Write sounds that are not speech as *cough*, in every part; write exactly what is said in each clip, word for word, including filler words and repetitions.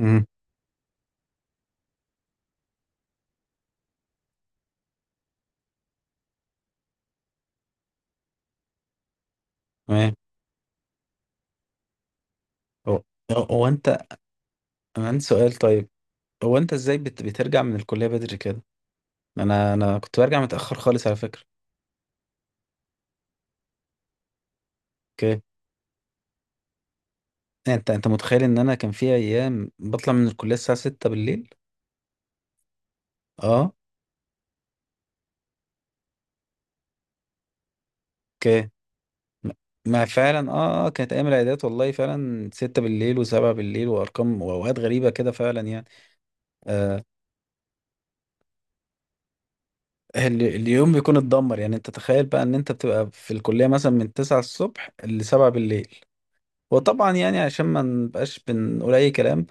امم. تمام. هو هو انت انا عندي سؤال، طيب. هو انت ازاي بت... بترجع من الكليه بدري كده؟ انا انا كنت برجع متاخر خالص على فكره. اوكي. انت انت متخيل ان انا كان في ايام بطلع من الكليه الساعه ستة بالليل؟ اه. اوكي. ما ما فعلا، اه آه، كانت ايام العيادات والله فعلا ستة بالليل و7 بالليل وارقام واوقات غريبه كده فعلا يعني. آه ال- اليوم بيكون اتدمر، يعني انت تخيل بقى ان انت بتبقى في الكليه مثلا من تسعة الصبح ل سبعة بالليل. وطبعا يعني عشان ما نبقاش بنقول اي كلام،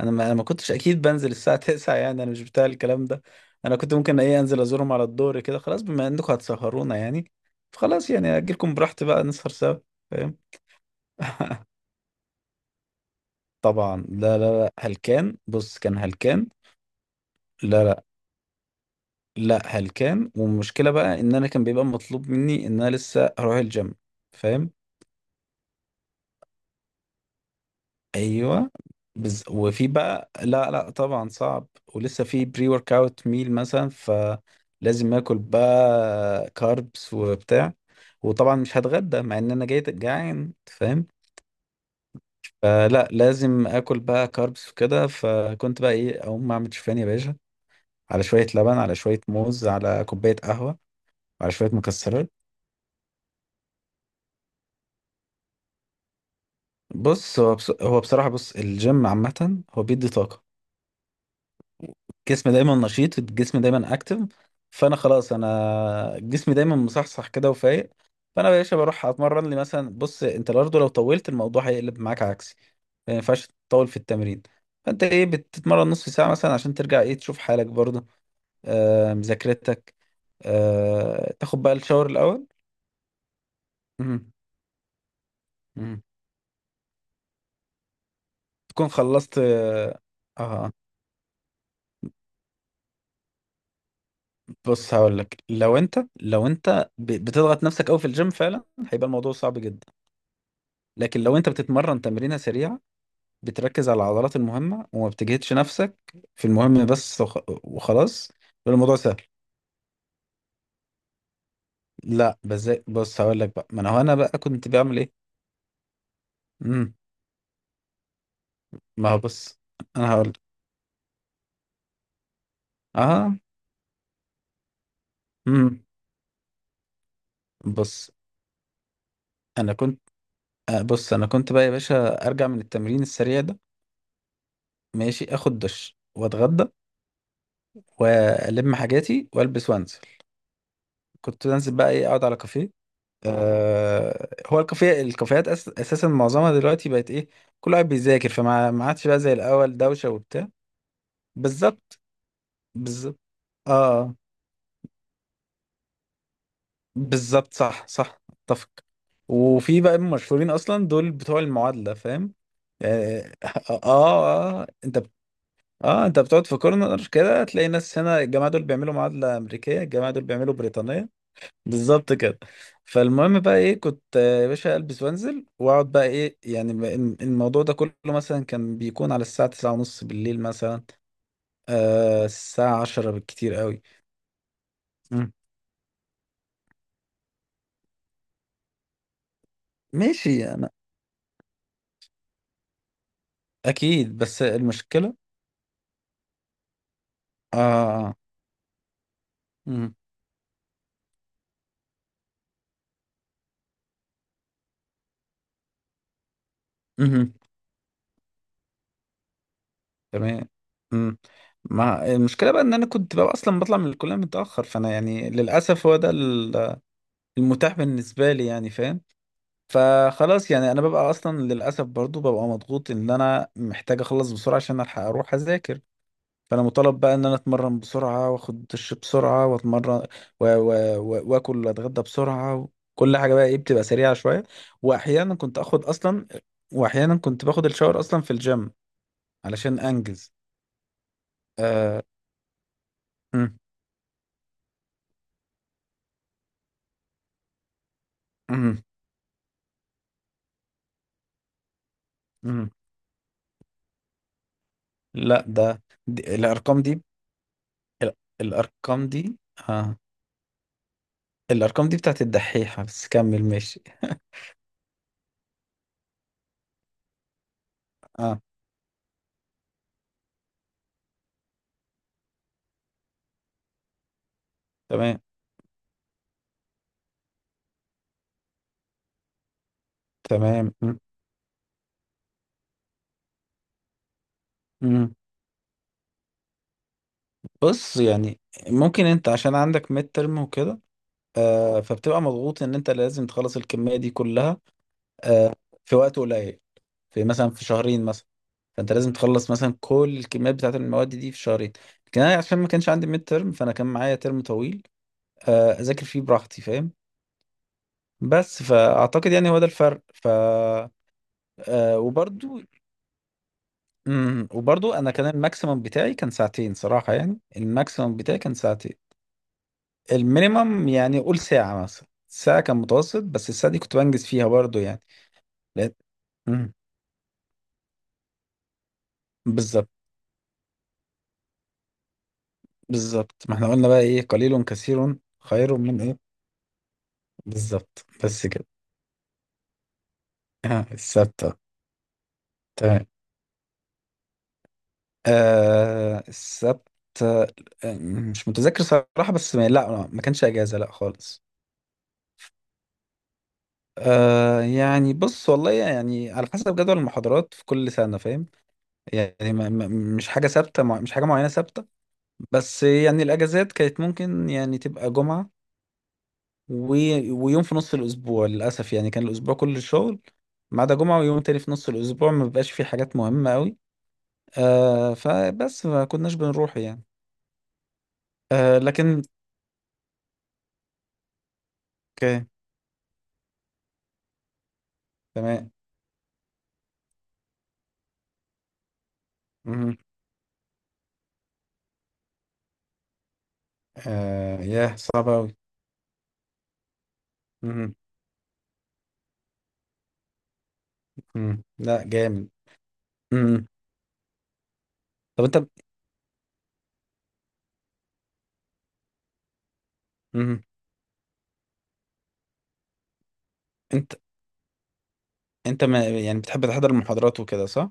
انا ما, أنا ما كنتش اكيد بنزل الساعه *laughs* تسعة، يعني انا مش بتاع الكلام ده. انا كنت ممكن ايه انزل ازورهم على الدور كده، خلاص بما انكم هتسهرونا يعني. فخلاص، يعني اجيلكم براحتي بقى نسهر سوا. فاهم. *laughs* طبعا لا لا لا، هلكان، بص كان هلكان. لا لا لا هلكان. والمشكله بقى ان انا كان بيبقى مطلوب مني ان انا لسه هروح الجيم. فاهم. ايوه. بز... وفي بقى لا لا طبعا صعب. ولسه في بري ورك اوت ميل مثلا، فلازم اكل بقى كاربس وبتاع. وطبعا مش هتغدى مع ان انا جاي جعان، فاهم. فلا لازم اكل بقى كاربس وكده، فكنت بقى ايه اقوم اعمل شوفان يا باشا، على شويه لبن، على شويه موز، على كوبايه قهوه، على شويه مكسرات. بص هو بص... هو بصراحه، بص، الجيم عامه هو بيدي طاقه. جسمي دايما نشيط، الجسم دايما اكتف. فانا خلاص انا جسمي دايما مصحصح كده وفايق. فانا يا باشا بروح اتمرن لي مثلا، بص انت برضه لو طولت الموضوع هيقلب معاك عكسي. ما ينفعش تطول في التمرين. فانت ايه، بتتمرن نص ساعه مثلا عشان ترجع ايه تشوف حالك برضه. آه مذاكرتك. آه تاخد بقى الشاور الاول. مم. مم. تكون خلصت، اه. آه. بص هقول لك، لو انت لو انت ب- بتضغط نفسك قوي في الجيم فعلا هيبقى الموضوع صعب جدا. لكن لو انت بتتمرن تمرينة سريعة، بتركز على العضلات المهمة وما بتجهدش نفسك في المهم بس وخ- وخلاص، يبقى الموضوع سهل. لا بس زي- بص هقول لك بقى، ما انا هو انا بقى كنت بعمل ايه. امم ما هو بص، انا هقول لك. اه امم بص. انا كنت آه بص انا كنت بقى يا باشا، ارجع من التمرين السريع ده، ماشي اخد دش واتغدى والم حاجاتي والبس وانزل. كنت انزل بقى ايه اقعد على كافيه. آه هو الكافيه الكافيهات أس اساسا معظمها دلوقتي بقت ايه، كل واحد بيذاكر، فما ما عادش بقى زي الاول دوشه وبتاع. بالظبط. بالظبط اه. بالظبط صح صح. اتفق. وفي بقى المشهورين اصلا دول بتوع المعادله، فاهم. اه اه, آه آه، انت بت- اه انت بتقعد في كورنر كده تلاقي ناس هنا، الجماعه دول بيعملوا معادله امريكيه، الجماعه دول بيعملوا بريطانيه. بالظبط كده. فالمهم بقى ايه، كنت آه، يا باشا البس وانزل واقعد بقى ايه، يعني ب- الم- الموضوع ده كله مثلا كان بيكون على الساعه تسعة ونص بالليل مثلا. آه الساعه عشرة بالكتير قوي. مم. ماشي انا، اكيد، بس المشكله. اه. مم. مم. تمام. مم. ما المشكله بقى ان انا كنت بقى اصلا بطلع من الكليه متاخر، فانا يعني للاسف هو ده ال- المتاح بالنسبه لي، يعني فاهم. فخلاص، يعني انا ببقى اصلا للاسف برضو ببقى مضغوط ان انا محتاج اخلص بسرعه عشان الحق اروح اذاكر. فانا مطالب بقى ان انا اتمرن بسرعه، واخد دش بسرعه، واتمرن و... و... و... واكل واتغدى بسرعه. كل حاجه بقى ايه بتبقى سريعه شويه. واحيانا كنت اخد اصلا، واحيانا كنت باخد الشاور اصلا في الجيم علشان انجز. آه... مم، مم، مم. لا، ده دي... الارقام دي. ال- الارقام دي. آه. الارقام دي بتاعت الدحيحه، بس كمل ماشي. آه. تمام تمام، م- م. بص يعني، ممكن انت عشان عندك ميد ترم وكده. آه فبتبقى مضغوط ان انت لازم تخلص الكمية دي كلها. آه في وقت قليل، في مثلا في شهرين مثلا. فانت لازم تخلص مثلا كل الكميات بتاعت المواد دي في شهرين. لكن انا عشان ما كانش عندي ميد ترم فانا كان معايا ترم طويل، آه اذاكر فيه براحتي فاهم. بس فاعتقد يعني هو ده الفرق، ف آه وبرضو. امم وبرضو انا كان الماكسيمم بتاعي كان ساعتين صراحة، يعني الماكسيمم بتاعي كان ساعتين. المينيمم يعني قول ساعة، مثلا ساعة كان متوسط، بس الساعة دي كنت بنجز فيها برضو يعني. لقيت. مم. بالظبط. بالظبط، ما احنا قلنا بقى ايه، قليل كثير خير من ايه. بالظبط، بس كده. آه السبت آه، تمام. آه السبت. آه مش متذكر صراحة، بس ما لا ما كانش اجازة لا خالص. آه يعني بص والله يعني على حسب جدول المحاضرات في كل سنة فاهم. يعني ما ما- مش حاجة ثابتة، مع- مش حاجة معينة ثابتة. بس يعني الأجازات كانت ممكن يعني تبقى جمعة و... ويوم في نص الأسبوع، للأسف يعني كان الأسبوع كله شغل ما عدا جمعة ويوم تاني في نص الأسبوع ما بيبقاش فيه حاجات مهمة أوي. آه فبس ما كناش بنروح يعني. آه لكن. اوكي، تمام. مهم. آه ياه، صعب أوي. مهم. مهم. لا جامد. مهم. طب أنت مهم. أنت أنت ما يعني بتحب تحضر المحاضرات وكده، صح؟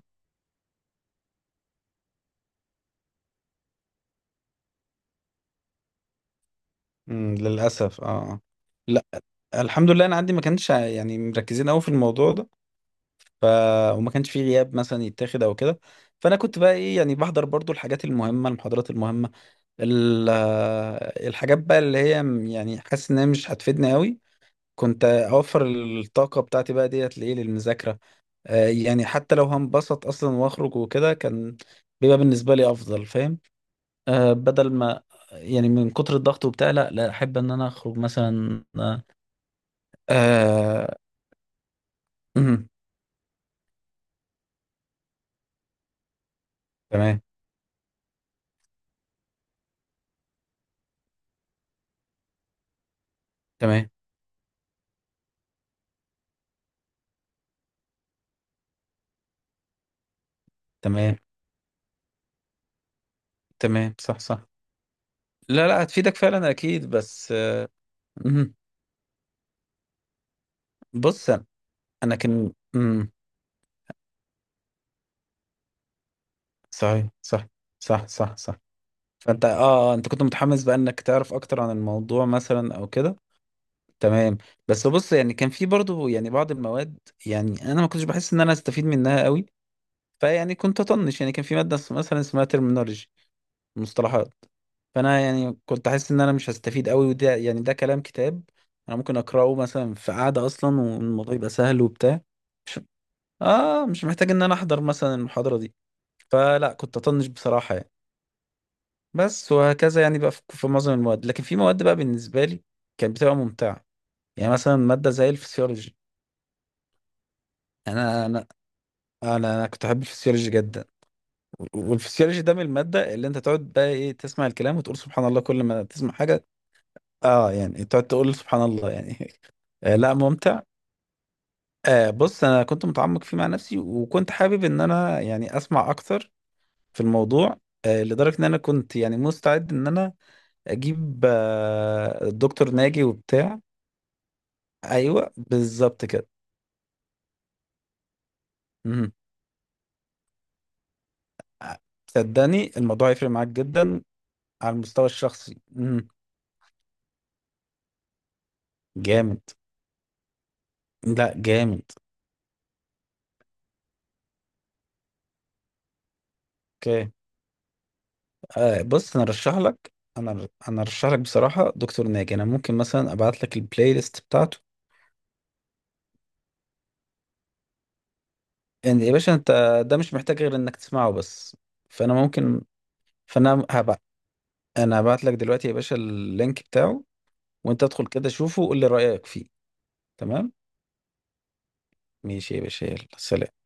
مم، للأسف اه آه. لا، الحمد لله، أنا عندي ما كانش يعني مركزين أوي في الموضوع ده، ف وما كانش فيه غياب مثلا يتاخد او كده. فانا كنت بقى ايه، يعني بحضر برضو الحاجات المهمه، المحاضرات المهمه ال- آه، الحاجات بقى اللي هي م- يعني حاسس ان هي مش هتفيدني قوي، كنت اوفر الطاقه بتاعتي بقى ديت لايه للمذاكره. آه، يعني حتى لو هنبسط اصلا واخرج وكده، كان بيبقى بالنسبه لي افضل، فاهم. آه، بدل ما، يعني من كتر الضغط وبتاع، لا لا احب ان انا اخرج مثلا آه، آه، *clears throat* تمام تمام تمام. تمام، صح صح. لا لا هتفيدك فعلا اكيد، بس. مم. بص انا أنا كان. مم. صحيح، صح صح صح صح. فانت، اه. آه، انت كنت متحمس بقى انك تعرف اكتر عن الموضوع مثلا او كده. تمام. بس بص يعني كان في برضو يعني بعض المواد، يعني انا ما كنتش بحس ان انا استفيد منها قوي، فيعني كنت اطنش. يعني كان في ماده اس- مثلا اسمها ترمينولوجي، مصطلحات. فانا يعني كنت حاسس ان انا مش هستفيد قوي، وده يعني ده كلام كتاب انا ممكن اقراه مثلا في قعده اصلا، والموضوع يبقى سهل وبتاع. اه، مش محتاج ان انا احضر مثلا المحاضرة دي. فلا كنت اطنش بصراحة يعني. بس وهكذا يعني بقى في في معظم المواد، لكن في مواد بقى بالنسبة لي كانت بتبقى ممتعة، يعني مثلا مادة زي الفسيولوجي. يعني انا انا انا أنا كنت احب الفسيولوجي جدا. وال- والفسيولوجي ده من المادة اللي انت تقعد بقى ايه تسمع الكلام وتقول سبحان الله كل ما تسمع حاجة. اه، يعني تقعد تقول سبحان الله يعني. *laughs* آه لا، ممتع. آه بص انا كنت متعمق فيه مع نفسي، وكنت حابب ان انا يعني اسمع اكتر في الموضوع، آه، لدرجة ان انا كنت يعني مستعد ان انا اجيب آه، الدكتور ناجي وبتاع. ايوه، بالظبط كده. مهم. صدقني الموضوع يفرق معاك جدا على المستوى الشخصي. مهم. جامد. لا جامد. اوكي. آه بص، انا ارشح لك انا انا ارشح لك بصراحة دكتور ناجي، انا ممكن مثلا ابعت لك البلاي ليست بتاعته. يعني يا باشا انت، ده مش محتاج غير انك تسمعه بس. فانا ممكن فانا هبع... انا هبعت لك دلوقتي يا باشا اللينك بتاعه، وانت ادخل كده شوفه وقول لي رأيك فيه. تمام. ماشي يا باشا، يلا سلام.